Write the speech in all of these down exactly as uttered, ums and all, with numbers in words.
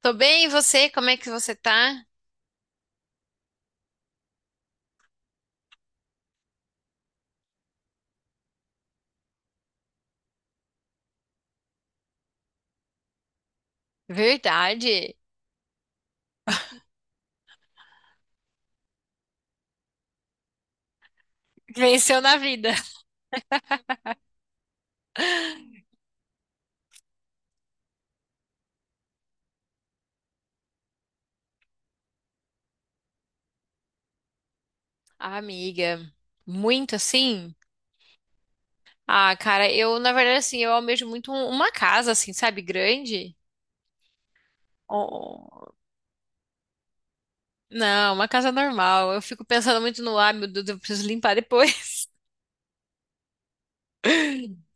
Tô bem, e você? Como é que você tá? Verdade. Venceu na vida. Ah, amiga, muito assim? Ah, cara, eu, na verdade, assim, eu almejo muito um- uma casa, assim, sabe, grande. Oh. Não, uma casa normal. Eu fico pensando muito no, ah, meu Deus, eu preciso limpar depois.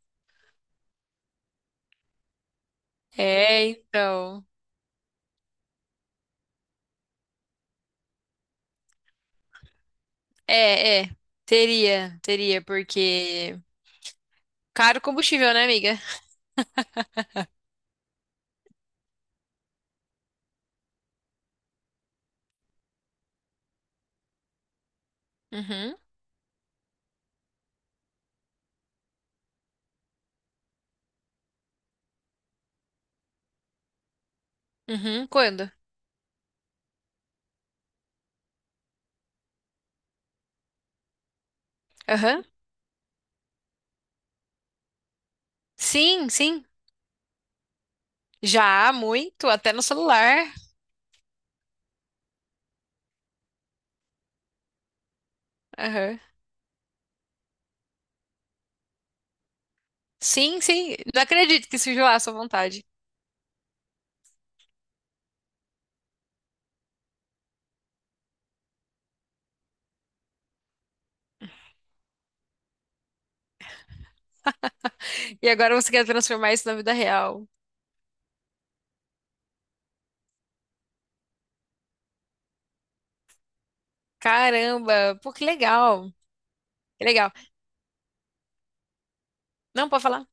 É, então. É, é. Teria, teria, porque. Caro combustível, né, amiga? Uhum, uhum. Quando? Aham. Sim, sim. Já, muito, até no celular. Aham. Sim, sim. Não acredito que surgiu lá à sua vontade. E agora você quer transformar isso na vida real. Caramba, pô, que legal. Que legal. Não, pode falar.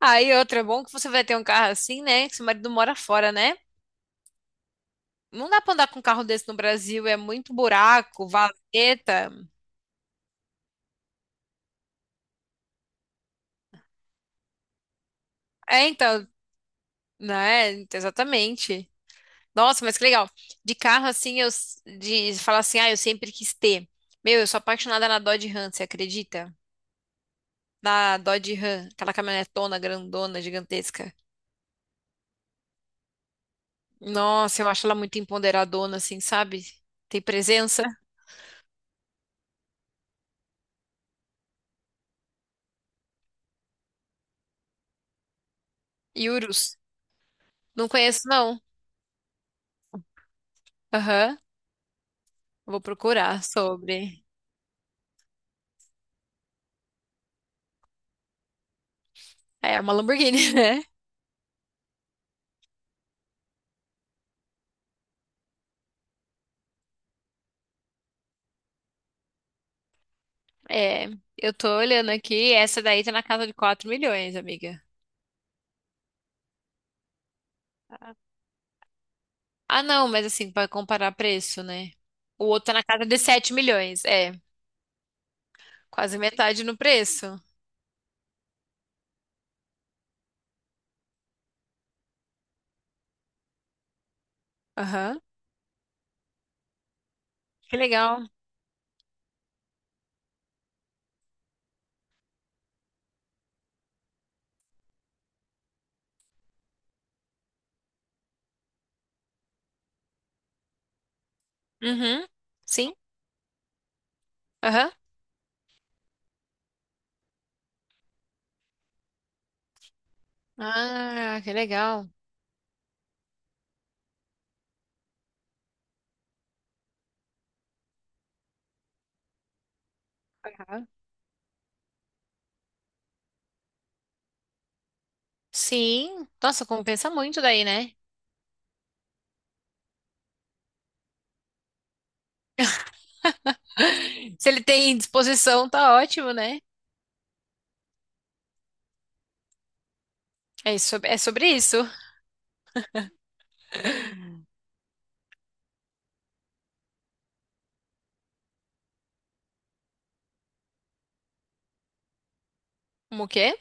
Ah, e outra, é bom que você vai ter um carro assim, né? Que seu marido mora fora, né? Não dá pra andar com um carro desse no Brasil, é muito buraco, valeta. É, então, né? Exatamente. Nossa, mas que legal. De carro assim, eu s- de falar assim, ah, eu sempre quis ter. Meu, eu sou apaixonada na Dodge Ram, você acredita? Na Dodge Ram, aquela caminhonetona grandona, gigantesca. Nossa, eu acho ela muito empoderadona, assim, sabe? Tem presença. E Urus. Não conheço, não. Aham. Vou procurar sobre. É é uma Lamborghini, né? É, eu tô olhando aqui, essa daí tá na casa de quatro milhões, amiga. Ah, não, mas assim, pra comparar preço, né? O outro tá na casa de sete milhões, é, quase metade no preço. Aham. Que legal. Uhum, sim, aham. Ah, que legal. Aham. Sim, nossa, compensa muito daí, né? Se ele tem disposição, tá ótimo, né? É isso, sobre- é sobre isso. Como o quê?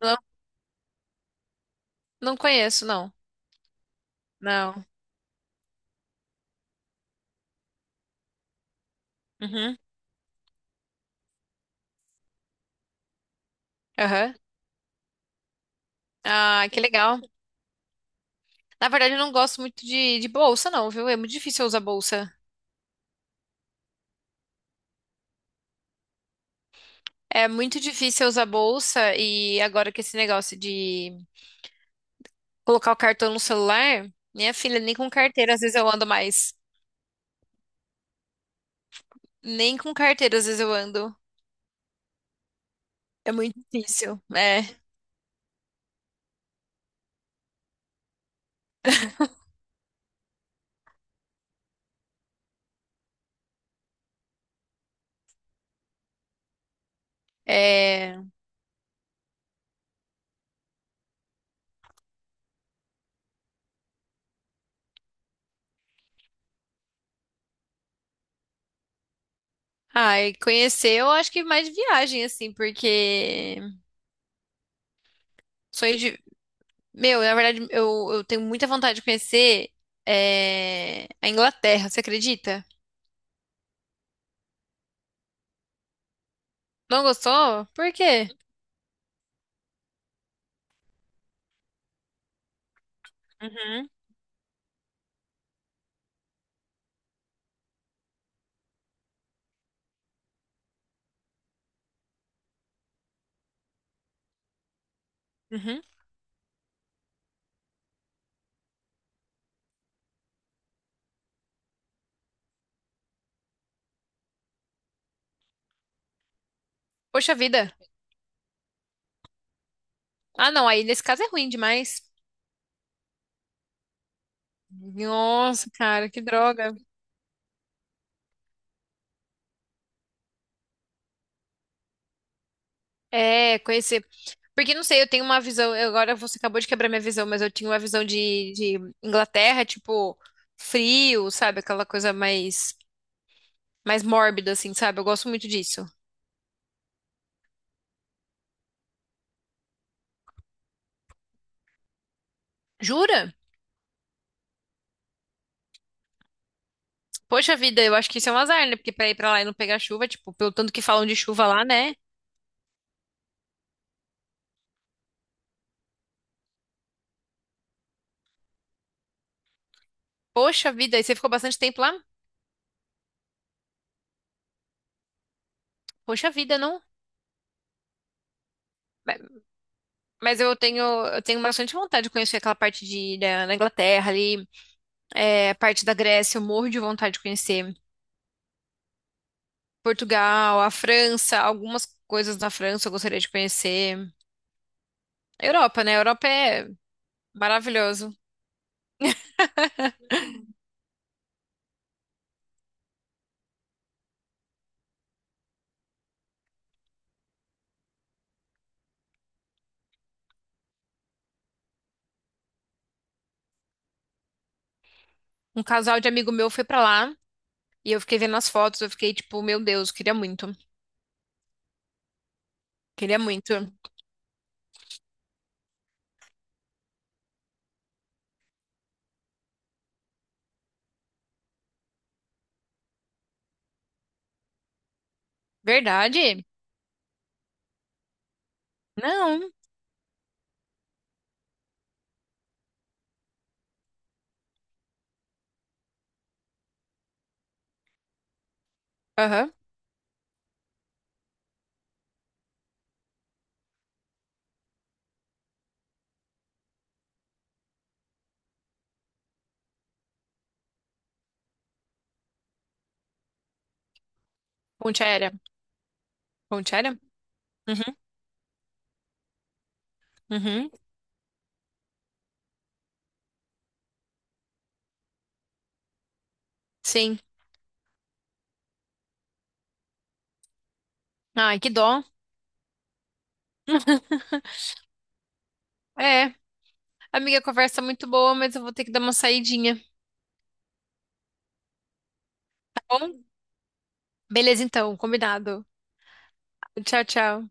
Não, não conheço, não. Não. Uhum. Aham. Ah, que legal. Na verdade, eu não gosto muito de, de bolsa, não, viu? É muito difícil eu usar bolsa. É muito difícil eu usar bolsa e agora que esse negócio de colocar o cartão no celular, minha filha, nem com carteira às vezes eu ando mais. Nem com carteira às vezes eu ando. É muito difícil. É. É. Ah, e conhecer eu acho que mais de viagem, assim, porque sonho de. Meu, na verdade, eu, eu tenho muita vontade de conhecer é, a Inglaterra, você acredita? Não gostou? Por quê? Uhum, uhum. Poxa vida. Ah, não, aí nesse caso é ruim demais. Nossa, cara, que droga. É, conhecer. Porque não sei, eu tenho uma visão. eu- Agora você acabou de quebrar minha visão, mas eu tinha uma visão de, de Inglaterra, tipo, frio, sabe? Aquela coisa mais. Mais mórbida, assim, sabe? Eu gosto muito disso. Jura? Poxa vida, eu acho que isso é um azar, né? Porque pra ir pra lá e não pegar chuva, tipo, pelo tanto que falam de chuva lá, né? Poxa vida, e você ficou bastante tempo lá? Poxa vida, não. Ma- Mas eu tenho, eu tenho bastante vontade de conhecer aquela parte de, da, da Inglaterra ali, é, a parte da Grécia, eu morro de vontade de conhecer. Portugal, a França, algumas coisas da França eu gostaria de conhecer. Europa, né? Europa é maravilhoso. Um casal de amigo meu foi pra lá e eu fiquei vendo as fotos, eu fiquei tipo, meu Deus, queria muito. Queria muito. Verdade? Não. Aham. Ponte aérea. Ponte aérea? Uhum. Uhum. Sim. Ai, que dó. É. Amiga, a conversa é muito boa, mas eu vou ter que dar uma saidinha, tá bom? Beleza, então. Combinado. Tchau, tchau.